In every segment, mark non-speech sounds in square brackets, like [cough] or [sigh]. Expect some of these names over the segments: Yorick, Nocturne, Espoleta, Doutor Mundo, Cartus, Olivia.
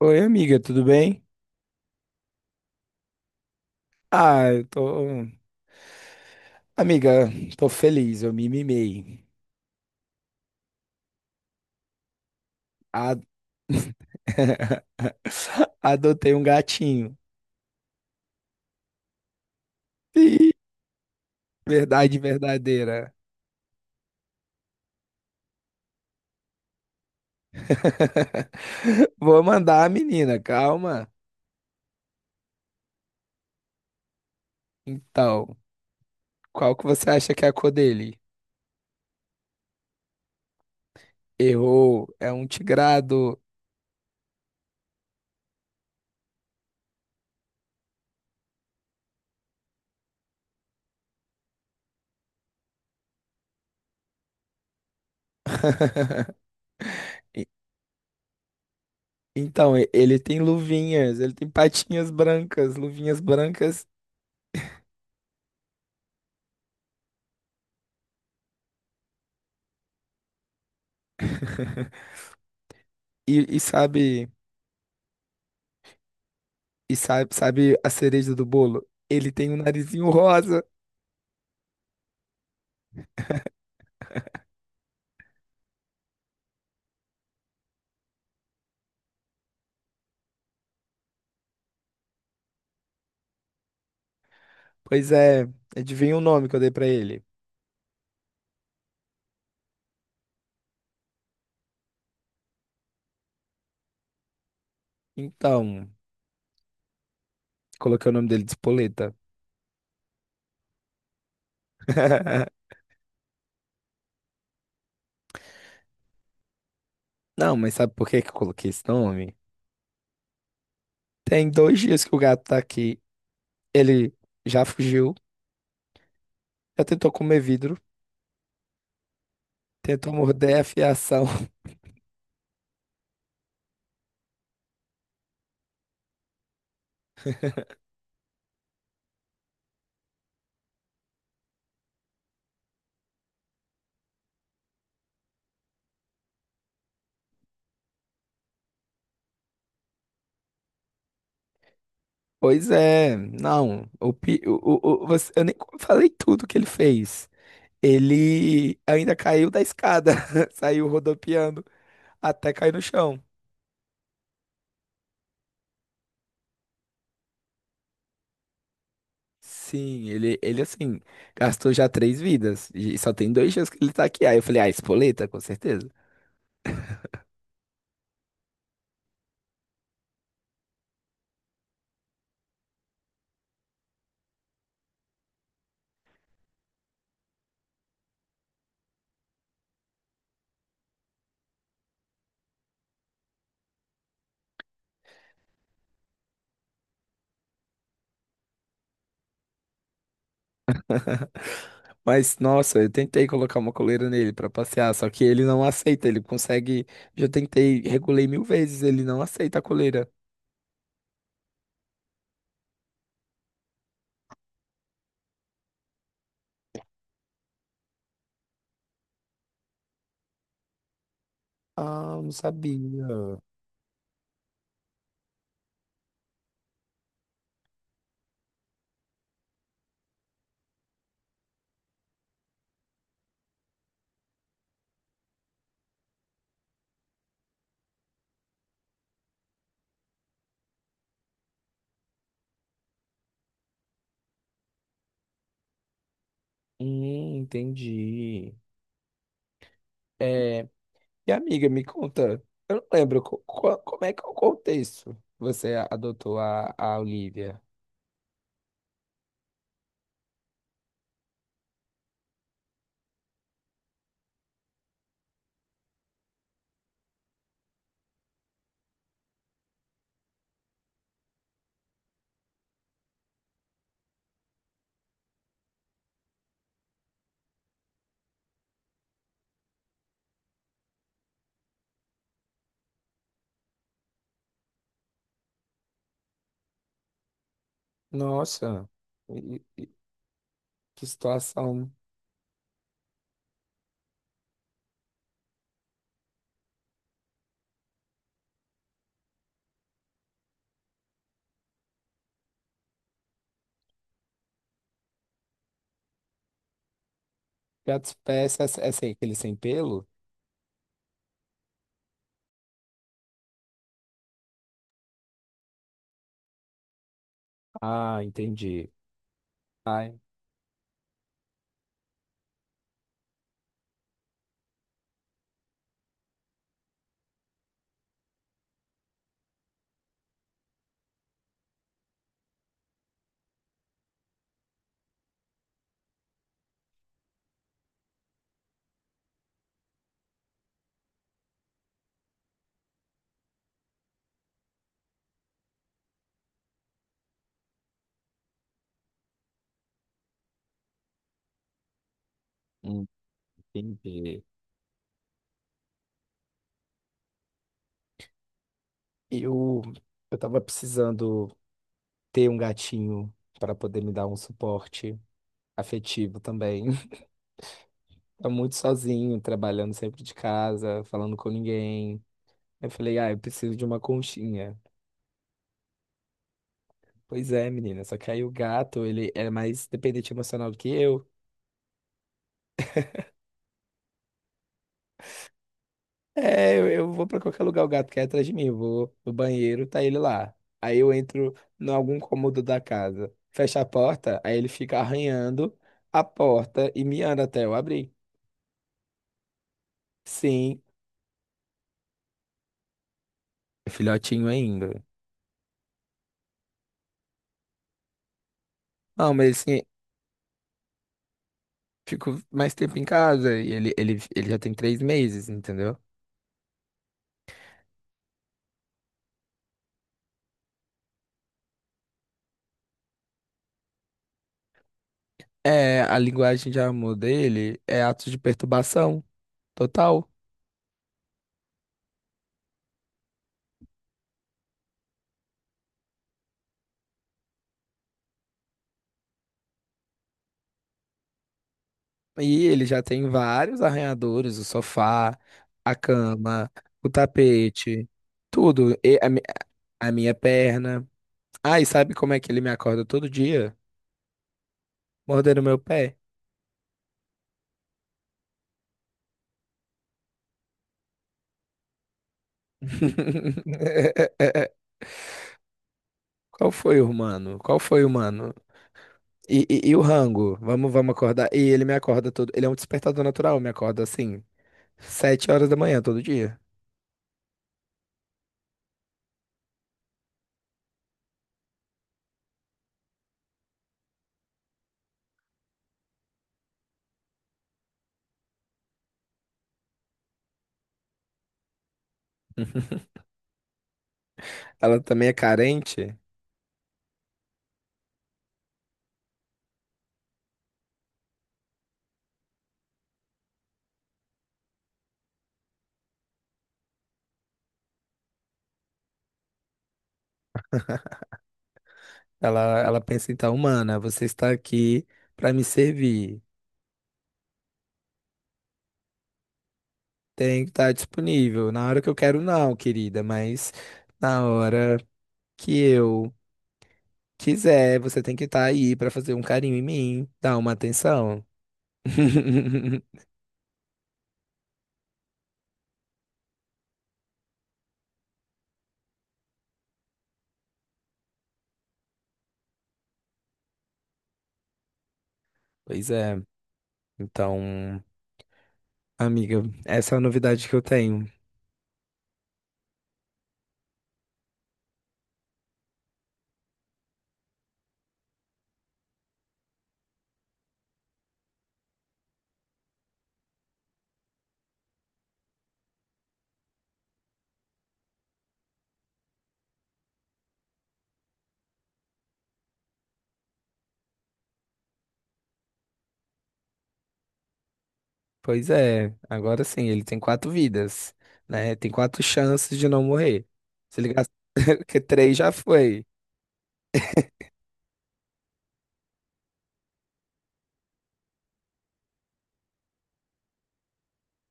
Oi, amiga, tudo bem? Ah, eu tô. Amiga, tô feliz, eu me mimei. A- [laughs] Adotei um gatinho. Ih, verdade verdadeira. [laughs] Vou mandar a menina, calma. Então, qual que você acha que é a cor dele? Errou, é um tigrado. [laughs] E- Então, ele tem luvinhas, ele tem patinhas brancas, luvinhas brancas. [laughs] E sabe a cereja do bolo? Ele tem um narizinho rosa. Pois é, adivinha o nome que eu dei pra ele. Então, coloquei o nome dele de Espoleta. [laughs] Não, mas sabe por que que eu coloquei esse nome? Tem 2 dias que o gato tá aqui. Ele já fugiu, já tentou comer vidro, tentou morder a fiação. [laughs] Pois é, não. O, pi- o- você- Eu nem falei tudo que ele fez. Ele ainda caiu da escada, [laughs] saiu rodopiando até cair no chão. Sim, ele assim, gastou já três vidas e só tem 2 dias que ele tá aqui. Aí eu falei, ah, espoleta, com certeza. Mas, nossa, eu tentei colocar uma coleira nele pra passear, só que ele não aceita, ele consegue. Já tentei, regulei mil vezes, ele não aceita a coleira. Ah, eu não sabia. Entendi. É, e amiga, me conta, eu não lembro como é que é o contexto que você adotou a Olivia. Nossa. Que situação. Gatos pés, essa aí, aquele sem pelo? Ah, entendi. Ai, entendi. Eu, eu tava precisando ter um gatinho para poder me dar um suporte afetivo também. [laughs] Tá muito sozinho, trabalhando sempre de casa, falando com ninguém. Eu falei, ah, eu preciso de uma conchinha. Pois é, menina, só que aí o gato, ele é mais dependente emocional do que eu. É, eu vou pra qualquer lugar, o gato quer atrás de mim. Eu vou no banheiro, tá ele lá. Aí eu entro em algum cômodo da casa, fecho a porta, aí ele fica arranhando a porta e miando até eu abrir. Sim, é filhotinho ainda. Não, mas assim, fico mais tempo em casa e ele já tem 3 meses, entendeu? É, a linguagem de amor dele é atos de perturbação total. E ele já tem vários arranhadores, o sofá, a cama, o tapete, tudo. E a minha perna. Ah, e sabe como é que ele me acorda todo dia? Mordendo meu pé. [laughs] Qual foi o humano? Qual foi o humano? E o rango? Vamos, vamos acordar. E ele me acorda todo. Ele é um despertador natural, me acorda assim, 7 horas da manhã todo dia. [laughs] Ela também é carente. Ela pensa, então, humana, você está aqui para me servir. Tem que estar disponível. Na hora que eu quero, não, querida, mas na hora que eu quiser, você tem que estar aí para fazer um carinho em mim, dar uma atenção. [laughs] Pois é. Então, amiga, essa é a novidade que eu tenho. Pois é, agora sim, ele tem quatro vidas, né? Tem quatro chances de não morrer. Se ele gastar, que [laughs] três já foi.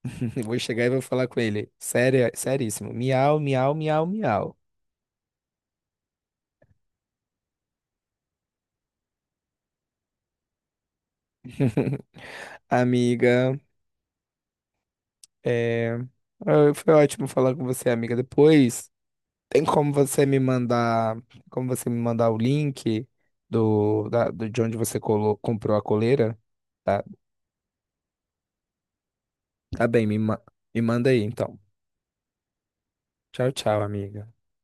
[laughs] Eu vou chegar e vou falar com ele. Sério, seríssimo. Miau, miau, miau, miau. [laughs] Amiga. É, ah, foi ótimo falar com você, amiga. Depois, tem como você me mandar o link de onde você comprou a coleira? Tá, tá bem, me manda aí, então. Tchau, tchau, amiga.